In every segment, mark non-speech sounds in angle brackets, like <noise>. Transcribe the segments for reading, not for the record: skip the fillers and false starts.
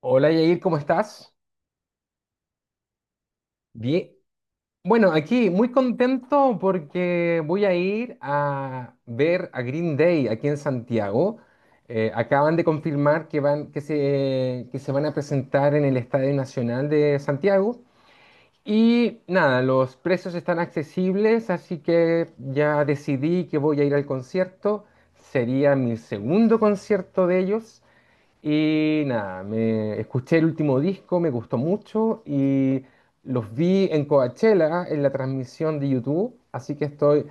Hola Yair, ¿cómo estás? Bien. Bueno, aquí muy contento porque voy a ir a ver a Green Day aquí en Santiago. Acaban de confirmar que se van a presentar en el Estadio Nacional de Santiago. Y nada, los precios están accesibles, así que ya decidí que voy a ir al concierto. Sería mi segundo concierto de ellos. Y nada, me escuché el último disco, me gustó mucho y los vi en Coachella en la transmisión de YouTube, así que estoy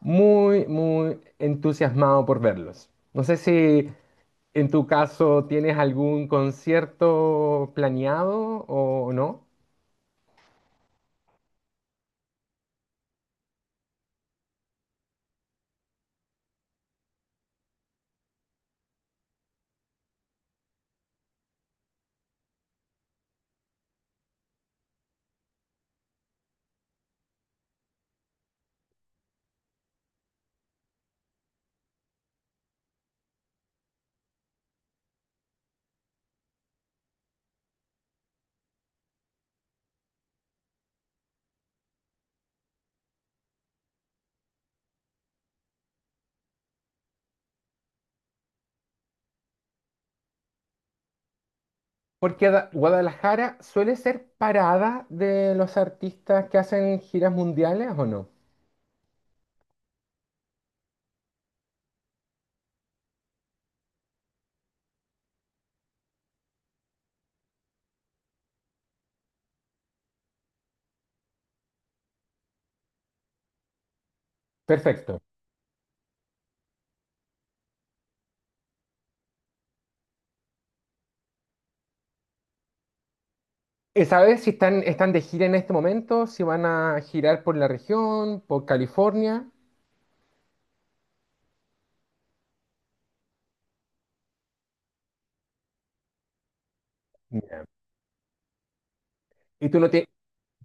muy, muy entusiasmado por verlos. No sé si en tu caso tienes algún concierto planeado o no, porque Guadalajara suele ser parada de los artistas que hacen giras mundiales o no. Perfecto. ¿Sabes si están de gira en este momento? Si van a girar por la región, por California. Mira, ¿y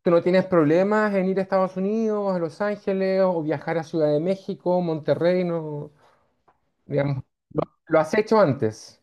tú no tienes problemas en ir a Estados Unidos, a Los Ángeles o viajar a Ciudad de México, Monterrey? No, digamos, lo has hecho antes.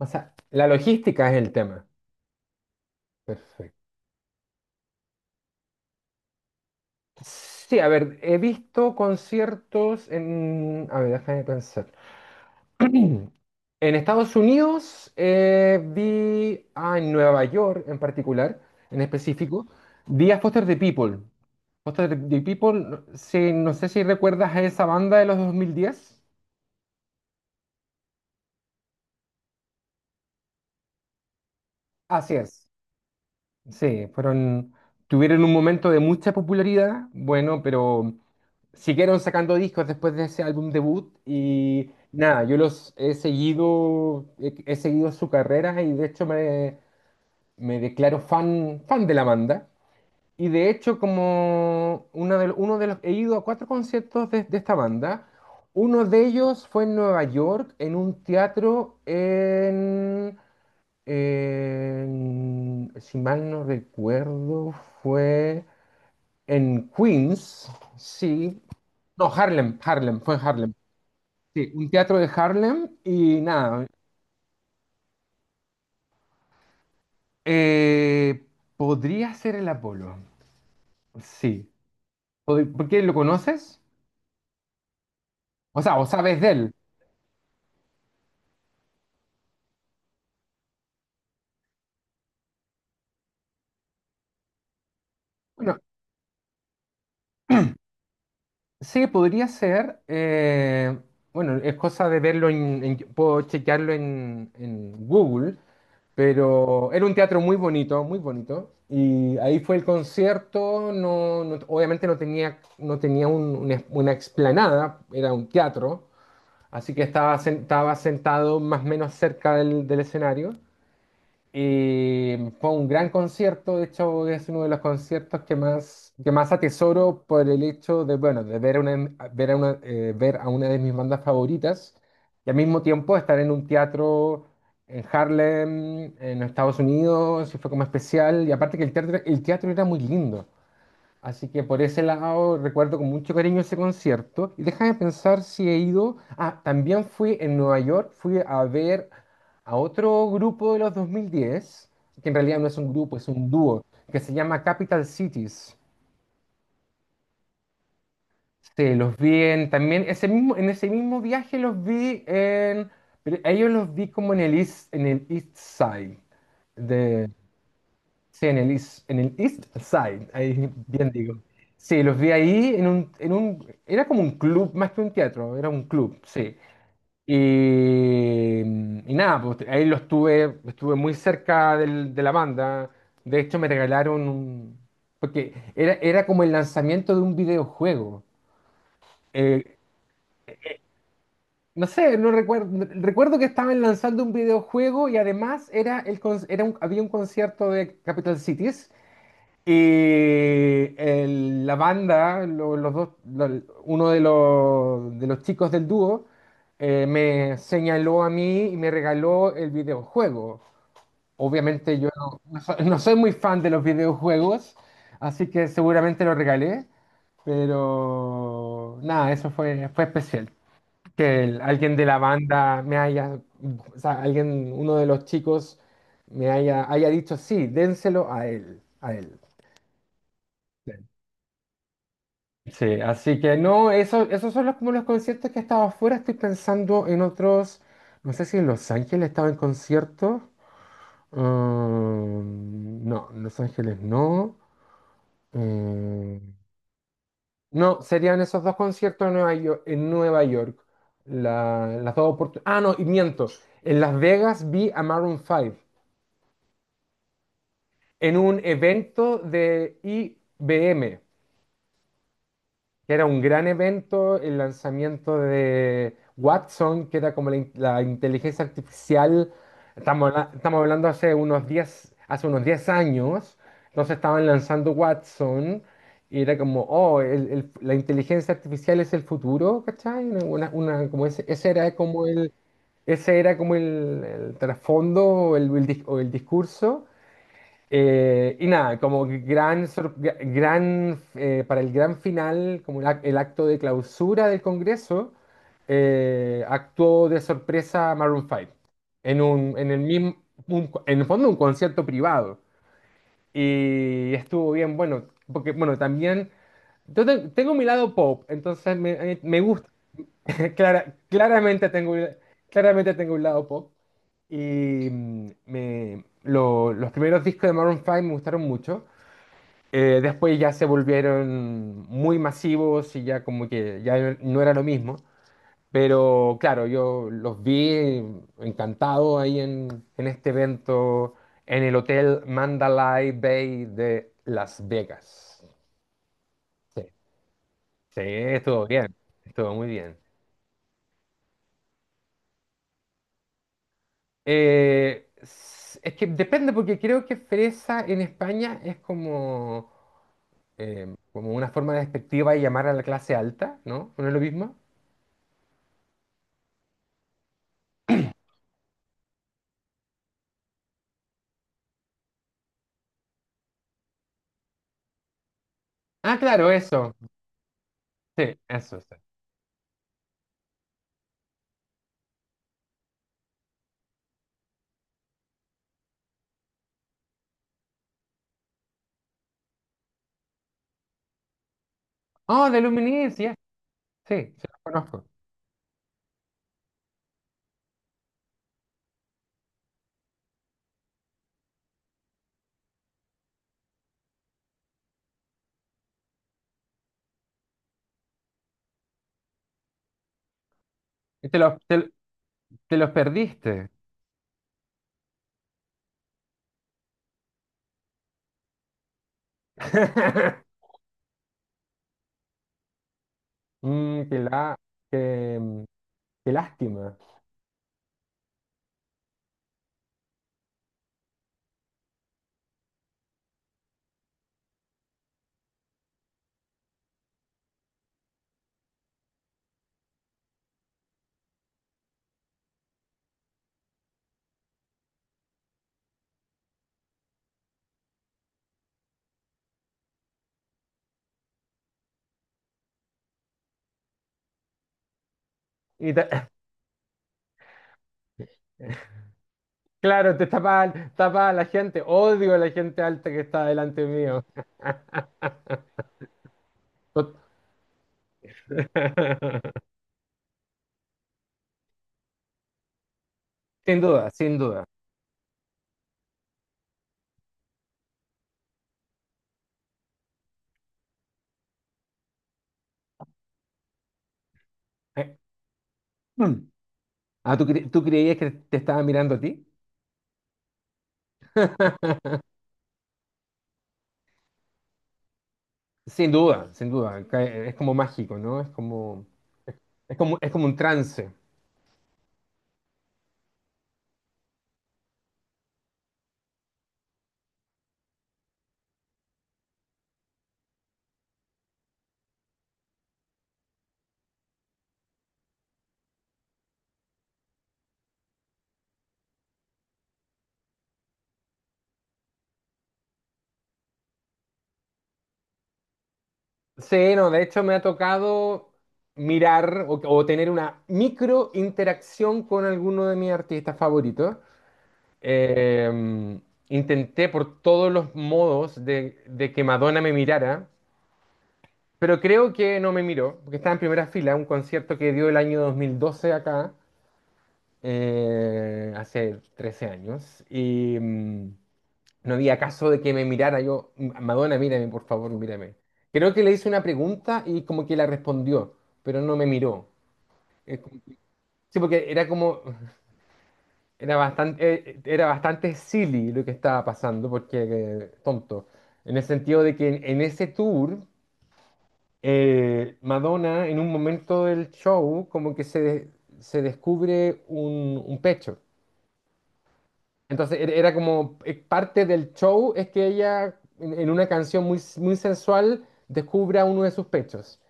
O sea, la logística es el tema. Perfecto. Sí, a ver, he visto conciertos en... A ver, déjame pensar. <clears throat> En Estados Unidos en Nueva York en particular, en específico, vi a Foster the People. Foster the People, no sé si recuerdas a esa banda de los 2010. Así es. Sí, fueron, tuvieron un momento de mucha popularidad, bueno, pero siguieron sacando discos después de ese álbum debut y nada, yo los he seguido, he seguido su carrera y de hecho me declaro fan, fan de la banda. Y de hecho, como uno de los... He ido a cuatro conciertos de esta banda. Uno de ellos fue en Nueva York, en un teatro en... si mal no recuerdo, fue en Queens, sí. No, Harlem, Harlem, fue en Harlem. Sí, un teatro de Harlem y nada. eh, podría ser el Apolo, sí. ¿Por qué lo conoces? O sea, o sabes de él. Bueno, sí, podría ser. Bueno, es cosa de verlo puedo chequearlo en Google, pero era un teatro muy bonito, muy bonito. Y ahí fue el concierto. No, obviamente no tenía, una explanada, era un teatro. Así que estaba sentado más o menos cerca del escenario. Y fue un gran concierto, de hecho es uno de los conciertos que más atesoro por el hecho de, bueno, de ver, una, ver, a una, ver a una de mis bandas favoritas y al mismo tiempo estar en un teatro en Harlem, en Estados Unidos, y fue como especial. Y aparte que el teatro era muy lindo. Así que por ese lado recuerdo con mucho cariño ese concierto. Y déjame pensar si he ido. Ah, también fui en Nueva York, fui a ver a otro grupo de los 2010, que en realidad no es un grupo, es un dúo, que se llama Capital Cities. Sí, los vi en ese mismo viaje pero a ellos los vi como en el East Side. Sí, en el East Side, ahí bien digo. Sí, los vi ahí era como un club, más que un teatro, era un club, sí. Y nada, pues ahí estuve muy cerca de la banda. De hecho, me regalaron un, porque era como el lanzamiento de un videojuego. Eh, no sé, no recuerdo, recuerdo que estaban lanzando un videojuego y además era el, con- era un- había un concierto de Capital Cities. Y la banda, uno de los chicos del dúo, me señaló a mí y me regaló el videojuego. Obviamente yo no, no soy muy fan de los videojuegos, así que seguramente lo regalé, pero nada, eso fue especial. Que alguien de la banda me haya, o sea, alguien, uno de los chicos haya dicho, sí, dénselo a él, a él. Sí, así que no, eso, esos son como los conciertos que he estado afuera. Estoy pensando en otros. No sé si en Los Ángeles estaba en concierto. Mm, no, en Los Ángeles no. Eh, no, serían esos dos conciertos en Nueva York. En Nueva York. Las dos oportunidades. Ah, no, y miento. En Las Vegas vi a Maroon 5 en un evento de IBM, que era un gran evento, el lanzamiento de Watson, que era como la inteligencia artificial, estamos hablando hace unos 10, hace unos 10 años, entonces estaban lanzando Watson y era como, oh, el- la inteligencia artificial es el futuro, ¿cachai? Como ese, ese era como el trasfondo o o el discurso. Y nada, como gran para el gran final, como el acto de clausura del Congreso, actuó de sorpresa Maroon 5 en un, en el mismo, un- en el fondo un concierto privado. Y estuvo bien, bueno, porque bueno, también yo tengo mi lado pop, entonces me gusta, <laughs> clara- claramente tengo, un- claramente tengo un lado pop. Y los primeros discos de Maroon 5 me gustaron mucho. Después ya se volvieron muy masivos y ya como que ya no era lo mismo. Pero claro, yo los vi encantados ahí en este evento en el Hotel Mandalay Bay de Las Vegas. Sí, sí, estuvo bien, estuvo muy bien. Es que depende porque creo que fresa en España es como, eh, como una forma despectiva de llamar a la clase alta, ¿no? ¿No es lo mismo? Ah, claro, eso. Sí, eso es. Oh, de Luminis, ya. Sí, sí, los conozco. Y te los perdiste. <laughs> Mm, qué, la, qué, mm, qué lástima. Y te- <laughs> claro, tapa a la gente. Odio a la gente alta que está delante mío. <laughs> Tot- <laughs> Sin duda, sin duda. Eh, mm. Ah, tú creías que te estaba mirando a ti? <laughs> Sin duda, sin duda. Es como mágico, ¿no? Es como un trance. Sí, no, de hecho me ha tocado mirar o tener una micro interacción con alguno de mis artistas favoritos. Eh, intenté por todos los modos de que Madonna me mirara, pero creo que no me miró, porque estaba en primera fila, un concierto que dio el año 2012 acá, hace 13 años, y, no había caso de que me mirara yo. Madonna, mírame, por favor, mírame. Creo que le hice una pregunta y como que la respondió, pero no me miró. Es como- Sí, porque era como, era bastante silly lo que estaba pasando, porque tonto. En el sentido de que en ese tour, Madonna, en un momento del show, como que se descubre un pecho. Entonces era como parte del show es que ella en una canción muy, muy sensual descubra uno de sus pechos.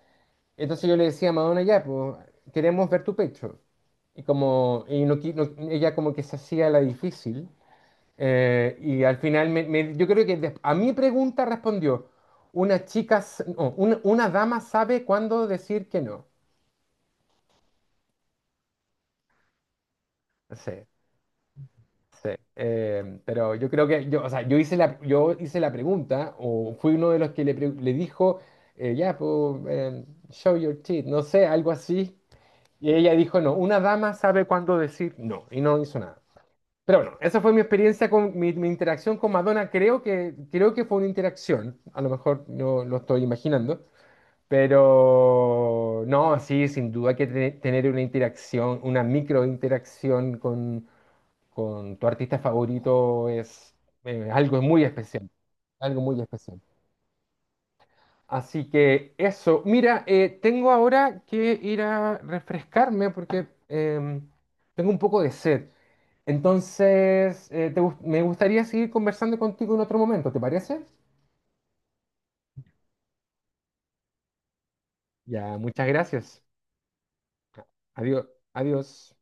Entonces yo le decía a Madonna, ya, pues, queremos ver tu pecho. Y como y no, ella como que se hacía la difícil. Y al final yo creo que a mi pregunta respondió, no, una dama sabe cuándo decir que no. Sí. Sí, pero yo creo que yo, o sea, yo hice la pregunta o fui uno de los que le dijo, ya, pues, show your teeth, no sé, algo así. Y ella dijo, no, una dama sabe cuándo decir no, y no hizo nada. Pero bueno, esa fue mi experiencia con mi interacción con Madonna. Creo que fue una interacción, a lo mejor no lo estoy imaginando, pero no, sí, sin duda que tener una interacción, una microinteracción con tu artista favorito es algo muy especial, algo muy especial. Así que eso, mira, tengo ahora que ir a refrescarme porque tengo un poco de sed. Entonces, me gustaría seguir conversando contigo en otro momento, ¿te parece? Ya, muchas gracias. Adiós, adiós.